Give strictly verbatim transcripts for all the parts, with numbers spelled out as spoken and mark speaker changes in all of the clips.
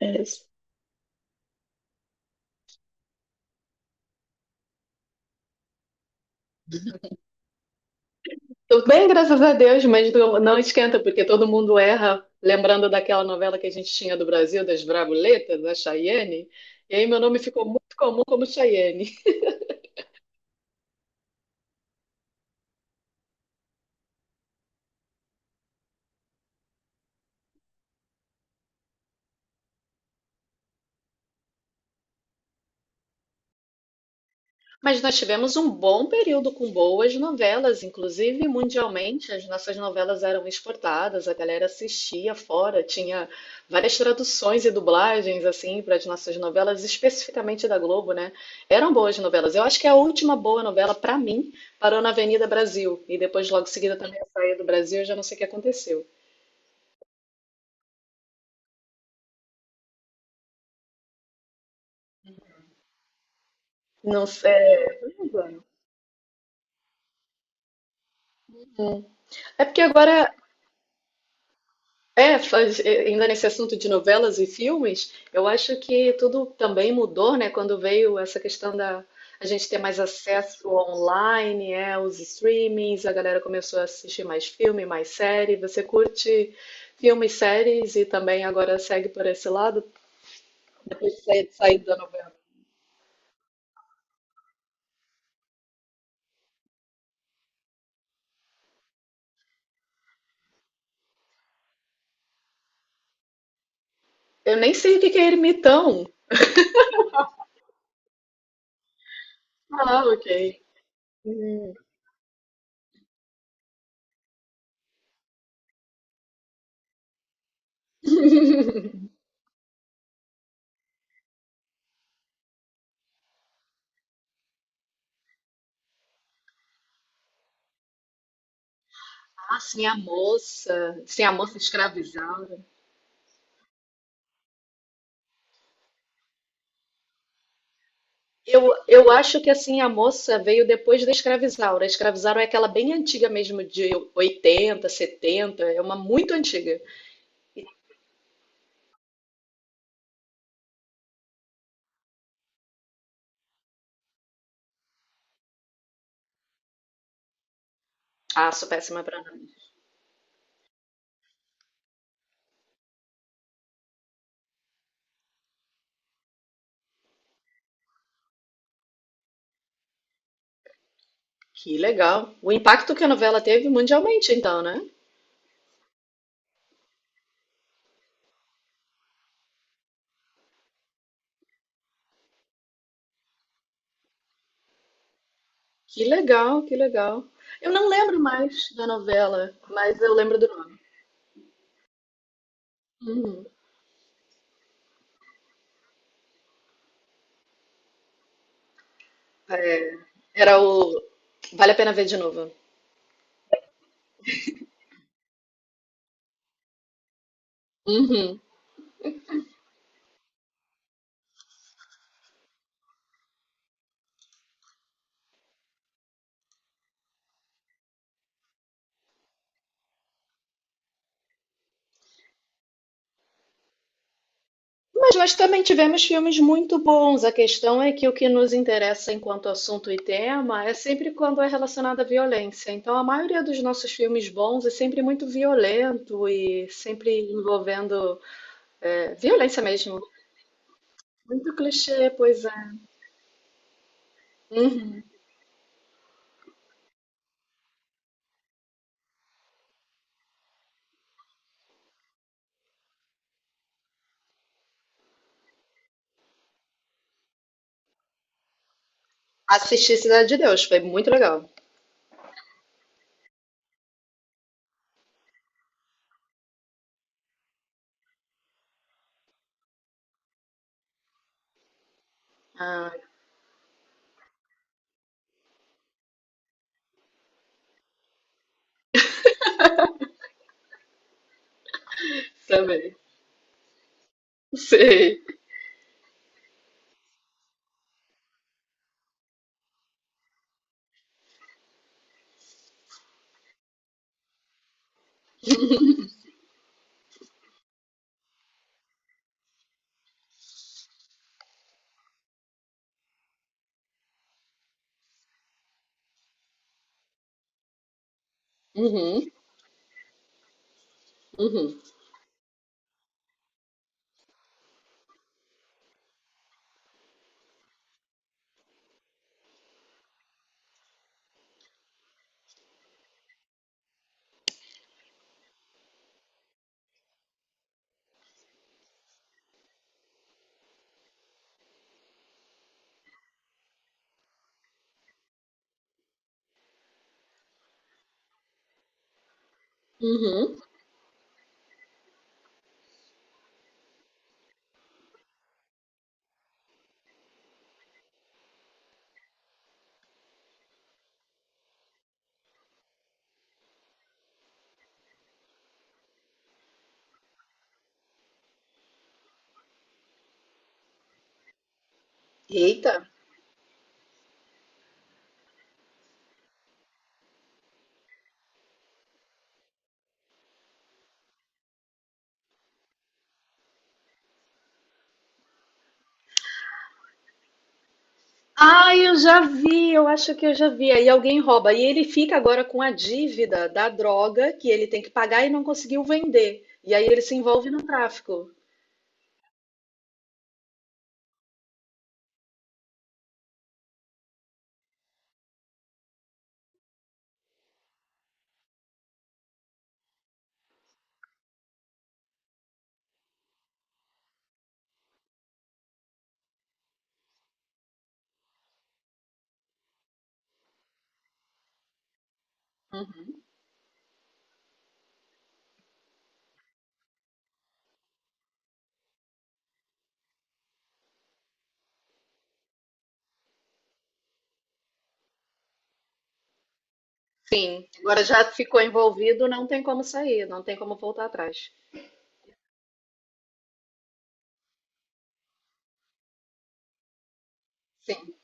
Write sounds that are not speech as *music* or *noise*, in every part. Speaker 1: É, tô bem, graças a Deus, mas não não esquenta, porque todo mundo erra, lembrando daquela novela que a gente tinha do Brasil, das Bravuletas, da Chayenne. E aí meu nome ficou muito comum como Chayenne. Mas nós tivemos um bom período com boas novelas, inclusive mundialmente as nossas novelas eram exportadas, a galera assistia fora, tinha várias traduções e dublagens assim para as nossas novelas, especificamente da Globo, né? Eram boas novelas. Eu acho que a última boa novela para mim parou na Avenida Brasil e depois logo em seguida também a saída do Brasil, eu já não sei o que aconteceu. Não sei. É porque agora. É, faz- é, ainda nesse assunto de novelas e filmes, eu acho que tudo também mudou, né? Quando veio essa questão da a gente ter mais acesso online, é, os streamings, a galera começou a assistir mais filme, mais série. Você curte filmes, séries e também agora segue por esse lado, depois de sair, sair da novela. Eu nem sei o que que é ermitão. Ah, ok. Ah, sim, a moça. Sim, a moça escravizada. Eu, eu acho que assim a moça veio depois da Escravizaura. A Escravizaura é aquela bem antiga mesmo, de oitenta, setenta, é uma muito antiga. Ah, sou péssima pra nada. Que legal. O impacto que a novela teve mundialmente, então, né? Que legal, que legal. Eu não lembro mais da novela, mas eu lembro do nome. Uhum. É, era o Vale a Pena Ver de Novo. Uhum. Mas nós também tivemos filmes muito bons. A questão é que o que nos interessa enquanto assunto e tema é sempre quando é relacionado à violência. Então, a maioria dos nossos filmes bons é sempre muito violento e sempre envolvendo é, violência mesmo. Muito clichê, pois é. Uhum. Assisti Cidade de Deus, foi muito legal. Ah, também. Sei. Uhum, uhum, uhum. Eita. Ah, eu já vi, eu acho que eu já vi. Aí alguém rouba. E ele fica agora com a dívida da droga que ele tem que pagar e não conseguiu vender. E aí ele se envolve no tráfico. Sim, agora já ficou envolvido, não tem como sair, não tem como voltar atrás. Sim.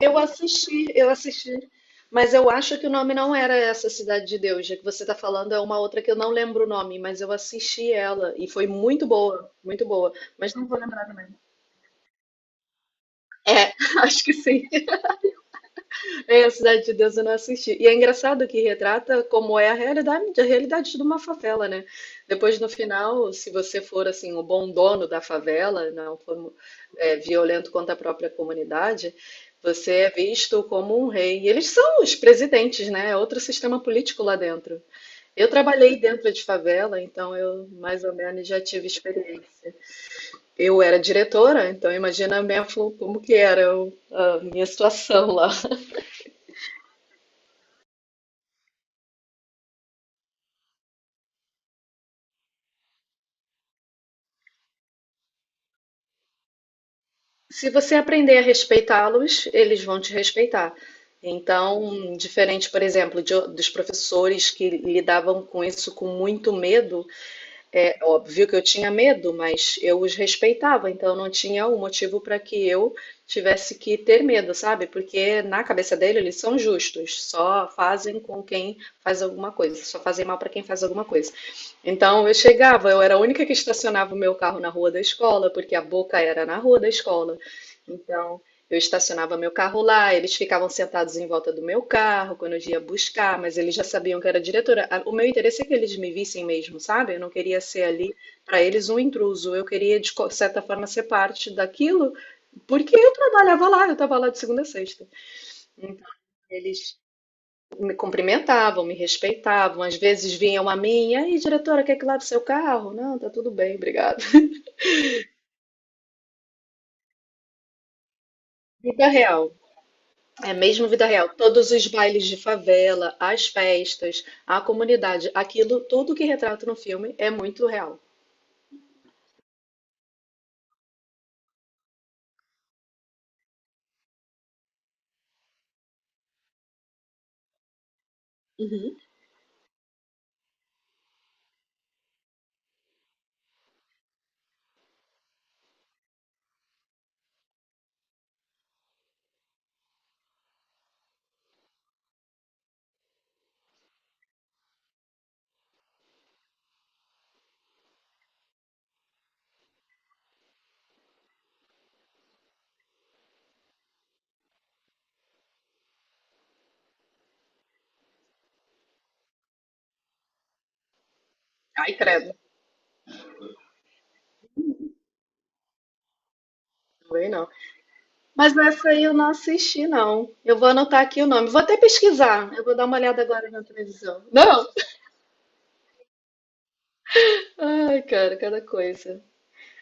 Speaker 1: Eu assisti, eu assisti. Mas eu acho que o nome não era essa Cidade de Deus. Já que você está falando, é uma outra que eu não lembro o nome, mas eu assisti ela e foi muito boa, muito boa. Mas não vou lembrar também. É, *laughs* acho que sim. É, a Cidade de Deus eu não assisti. E é engraçado que retrata como é a realidade, a realidade de uma favela, né? Depois, no final, se você for assim o bom dono da favela, não for é, violento contra a própria comunidade, você é visto como um rei. E eles são os presidentes, né? É outro sistema político lá dentro. Eu trabalhei dentro de favela, então eu mais ou menos já tive experiência. Eu era diretora, então imagina a minha, fu- como que era o- a minha situação lá. Se você aprender a respeitá-los, eles vão te respeitar. Então, diferente, por exemplo, de dos professores que lidavam com isso com muito medo, é óbvio que eu tinha medo, mas eu os respeitava, então não tinha um motivo para que eu tivesse que ter medo, sabe? Porque na cabeça dele eles são justos, só fazem com quem faz alguma coisa, só fazem mal para quem faz alguma coisa. Então eu chegava, eu era a única que estacionava o meu carro na rua da escola, porque a boca era na rua da escola. Então eu estacionava meu carro lá, eles ficavam sentados em volta do meu carro quando eu ia buscar, mas eles já sabiam que eu era diretora. A- O meu interesse é que eles me vissem mesmo, sabe? Eu não queria ser ali para eles um intruso, eu queria de co- certa forma ser parte daquilo, porque eu trabalhava lá, eu estava lá de segunda a sexta. Então eles me cumprimentavam, me respeitavam, às vezes vinham a mim, e aí, diretora, quer que lave seu carro? Não, tá tudo bem, obrigada. *laughs* Vida real, é mesmo vida real. Todos os bailes de favela, as festas, a comunidade, aquilo, tudo que retrata no filme é muito real. Uhum. Ai, credo, também não. Mas essa aí eu não assisti, não. Eu vou anotar aqui o nome. Vou até pesquisar. Eu vou dar uma olhada agora na televisão. Não! Ai, cara, cada coisa.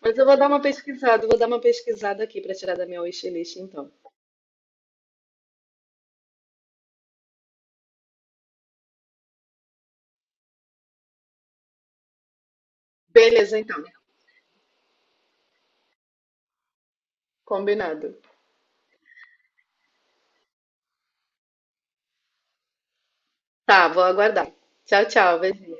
Speaker 1: Mas eu vou dar uma pesquisada, eu vou dar uma pesquisada aqui para tirar da minha wishlist, então. Beleza, então. Combinado. Tá, vou aguardar. Tchau, tchau. Beijinho.